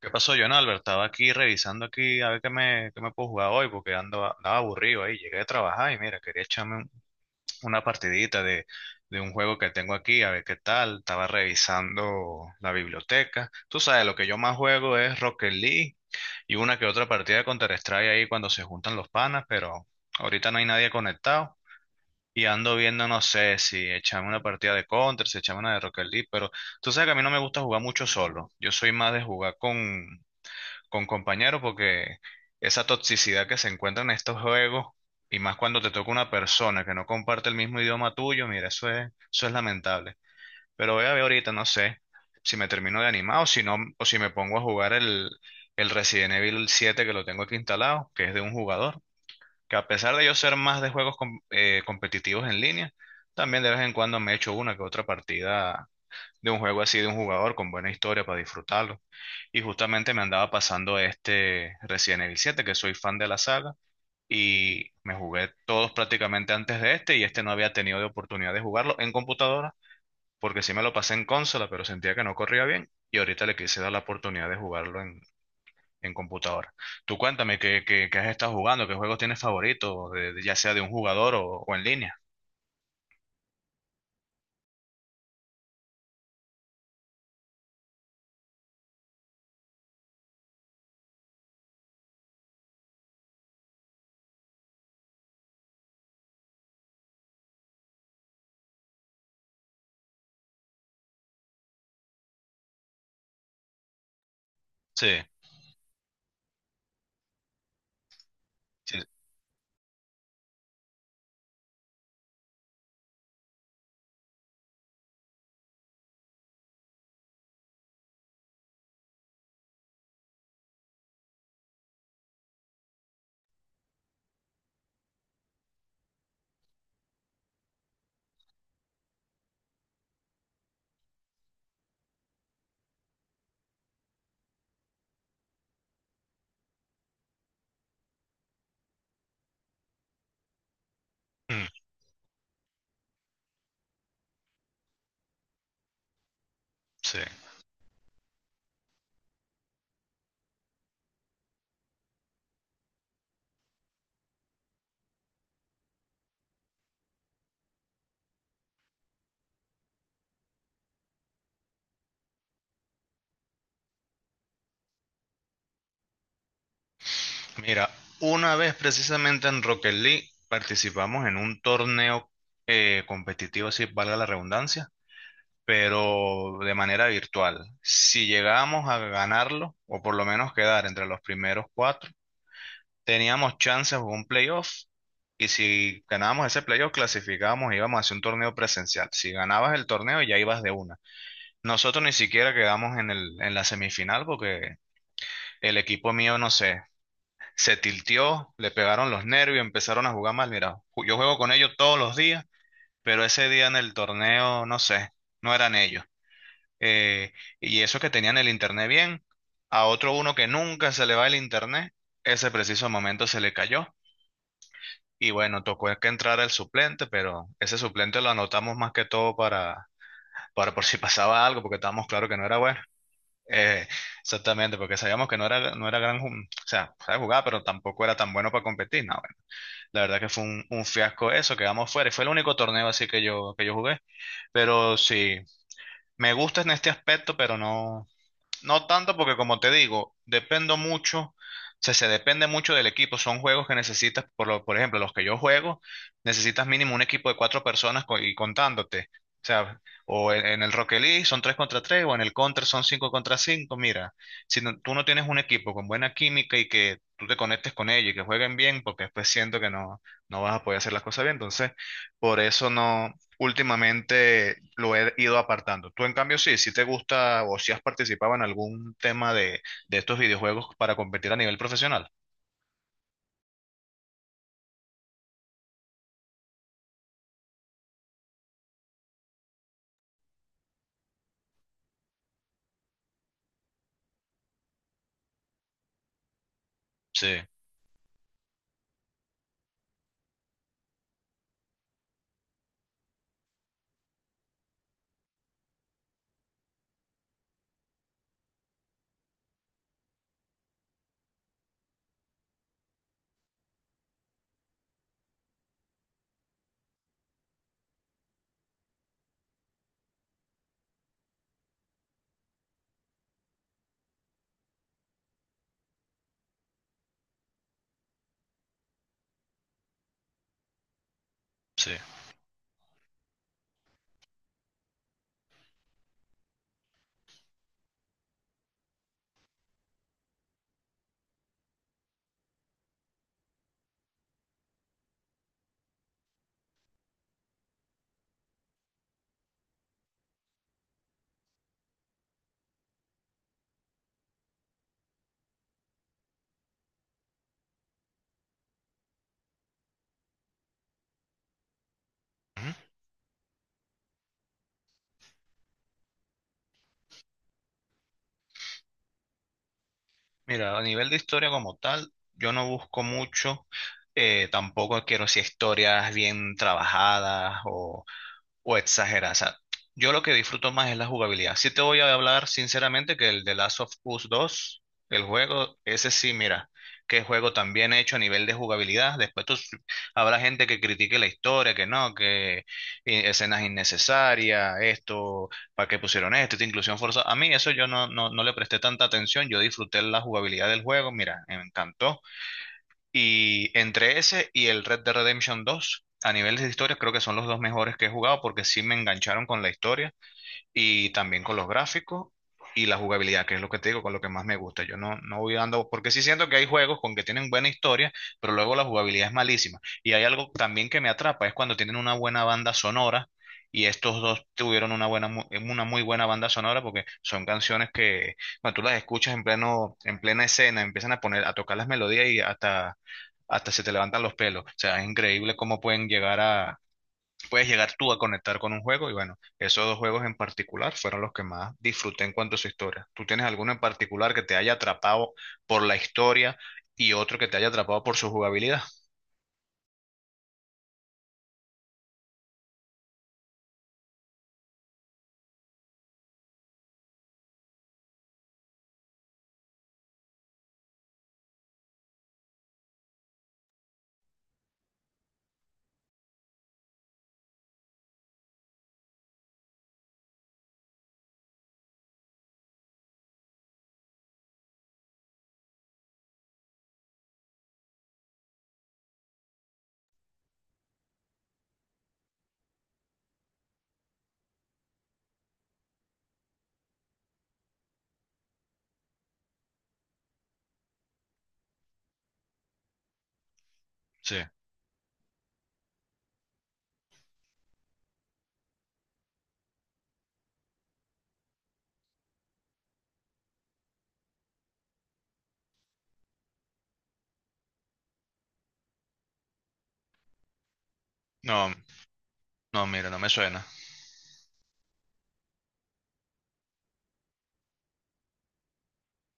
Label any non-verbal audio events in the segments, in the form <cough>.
¿Qué pasó, John Albert? Estaba aquí revisando aquí a ver qué me puedo jugar hoy porque andaba aburrido ahí. Llegué a trabajar y mira, una partidita de un juego que tengo aquí, a ver qué tal. Estaba revisando la biblioteca. Tú sabes, lo que yo más juego es Rocket League y una que otra partida de Counter-Strike ahí cuando se juntan los panas, pero ahorita no hay nadie conectado. Y ando viendo, no sé si echarme una partida de Counter, si echarme una de Rocket League, pero tú sabes que a mí no me gusta jugar mucho solo. Yo soy más de jugar con compañeros porque esa toxicidad que se encuentra en estos juegos y más cuando te toca una persona que no comparte el mismo idioma tuyo, mira, eso es lamentable. Pero voy a ver ahorita, no sé si me termino de animar o si no, o si me pongo a jugar el Resident Evil siete que lo tengo aquí instalado, que es de un jugador, que a pesar de yo ser más de competitivos en línea, también de vez en cuando me echo una que otra partida de un juego así de un jugador con buena historia para disfrutarlo. Y justamente me andaba pasando este Resident Evil 7, que soy fan de la saga, y me jugué todos prácticamente antes de este, y este no había tenido de oportunidad de jugarlo en computadora, porque sí me lo pasé en consola, pero sentía que no corría bien, y ahorita le quise dar la oportunidad de jugarlo en computadora. Tú cuéntame qué has estado jugando, qué juegos tienes favoritos, ya sea de un jugador o en línea. Sí, sí, <clears throat> sí. Mira, una vez precisamente en Rocket League participamos en un torneo competitivo, si valga la redundancia, pero de manera virtual. Si llegábamos a ganarlo, o por lo menos quedar entre los primeros cuatro, teníamos chances de un playoff. Y si ganábamos ese playoff, clasificábamos e íbamos a hacer un torneo presencial. Si ganabas el torneo, ya ibas de una. Nosotros ni siquiera quedamos en el, en la semifinal porque el equipo mío, no sé, se tilteó, le pegaron los nervios, empezaron a jugar mal. Mira, yo juego con ellos todos los días, pero ese día en el torneo, no sé, no eran ellos. Eh, y eso que tenían el internet bien, a otro uno que nunca se le va el internet, ese preciso momento se le cayó. Y bueno, tocó que entrar el suplente, pero ese suplente lo anotamos más que todo para por si pasaba algo, porque estábamos claro que no era bueno. Eh, Exactamente, porque sabíamos que no era gran, o sea, sabe jugar, pero tampoco era tan bueno para competir. No, la verdad que fue un fiasco eso, quedamos fuera. Y fue el único torneo así que yo jugué. Pero sí, me gusta en este aspecto, pero no. No tanto porque como te digo, dependo mucho, o sea, se depende mucho del equipo. Son juegos que necesitas, por ejemplo, los que yo juego, necesitas mínimo un equipo de cuatro personas y contándote. O sea, en el Rocket League son tres contra tres, o en el Counter son cinco contra cinco. Mira, si tú no tienes un equipo con buena química y que tú te conectes con ellos y que jueguen bien, porque después siento que no, no vas a poder hacer las cosas bien. Entonces, por eso no últimamente lo he ido apartando. Tú, en cambio, sí, si te gusta o si has participado en algún tema de estos videojuegos para competir a nivel profesional. Sí, sí. Ujú. Mira, a nivel de historia como tal, yo no busco mucho. Tampoco quiero si historias bien trabajadas o exagerar. O sea, yo lo que disfruto más es la jugabilidad. Sí te voy a hablar sinceramente que el de Last of Us dos el juego, ese sí, mira, qué juego tan bien hecho a nivel de jugabilidad. Después tú, habrá gente que critique la historia, que no, que escenas innecesarias, esto, para qué pusieron esto, esta inclusión forzada. A mí eso yo no le presté tanta atención. Yo disfruté la jugabilidad del juego, mira, me encantó. Y entre ese y el Red Dead Redemption dos a nivel de historia, creo que son los dos mejores que he jugado porque sí me engancharon con la historia y también con los gráficos y la jugabilidad, que es lo que te digo, con lo que más me gusta. Yo no voy dando, porque sí siento que hay juegos con que tienen buena historia, pero luego la jugabilidad es malísima. Y hay algo también que me atrapa, es cuando tienen una buena banda sonora. Y estos dos tuvieron una buena, una muy buena banda sonora porque son canciones que cuando tú las escuchas en plena escena, empiezan a poner, a tocar las melodías y hasta se te levantan los pelos. O sea, es increíble cómo puedes llegar tú a conectar con un juego y bueno, esos dos juegos en particular fueron los que más disfruté en cuanto a su historia. ¿Tú tienes alguno en particular que te haya atrapado por la historia y otro que te haya atrapado por su jugabilidad? Sí. No, no, mira, no me suena.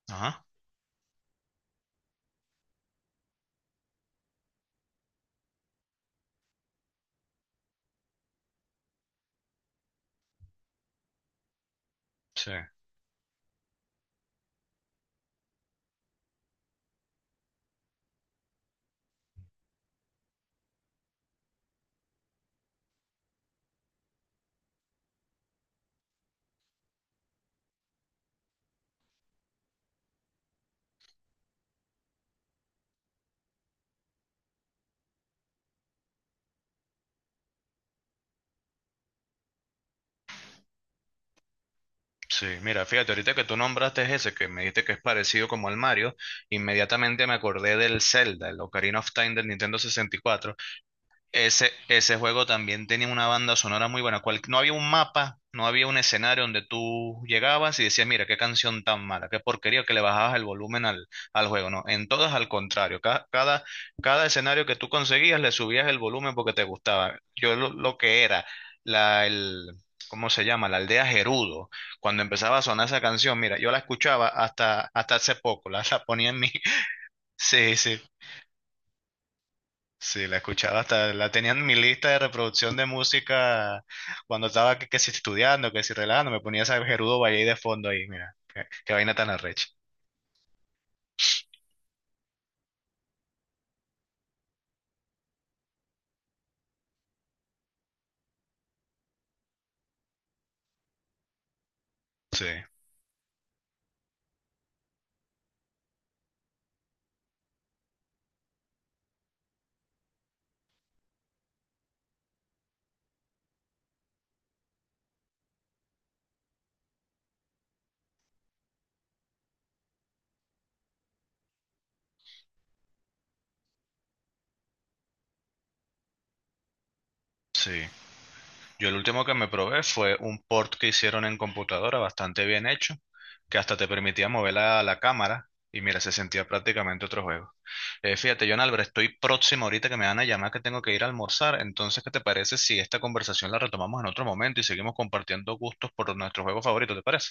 Ajá. Sí. Sí, mira, fíjate, ahorita que tú nombraste ese, que me dijiste que es parecido como al Mario, inmediatamente me acordé del Zelda, el Ocarina of Time del Nintendo 64. Ese juego también tenía una banda sonora muy buena. Cual, no había un mapa, no había un escenario donde tú llegabas y decías, mira, qué canción tan mala, qué porquería que le bajabas el volumen al juego. No, en todas al contrario. Cada escenario que tú conseguías le subías el volumen porque te gustaba. Yo lo que era, la, el, ¿cómo se llama? La aldea Gerudo. Cuando empezaba a sonar esa canción, mira, yo la escuchaba hasta hace poco, la ponía en mi... <laughs> Sí, sí. Sí, la escuchaba hasta, la tenía en mi lista de reproducción de música cuando estaba que si estudiando, que si relajando, me ponía esa Gerudo Valley de fondo ahí, mira, qué vaina tan arrecha. Sí, sí. Yo el último que me probé fue un port que hicieron en computadora bastante bien hecho, que hasta te permitía mover la cámara y mira, se sentía prácticamente otro juego. Fíjate, John Albert, estoy próximo ahorita que me van a llamar que tengo que ir a almorzar, entonces, ¿qué te parece si esta conversación la retomamos en otro momento y seguimos compartiendo gustos por nuestros juegos favoritos, ¿te parece?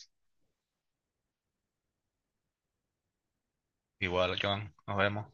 Igual, Joan, nos vemos.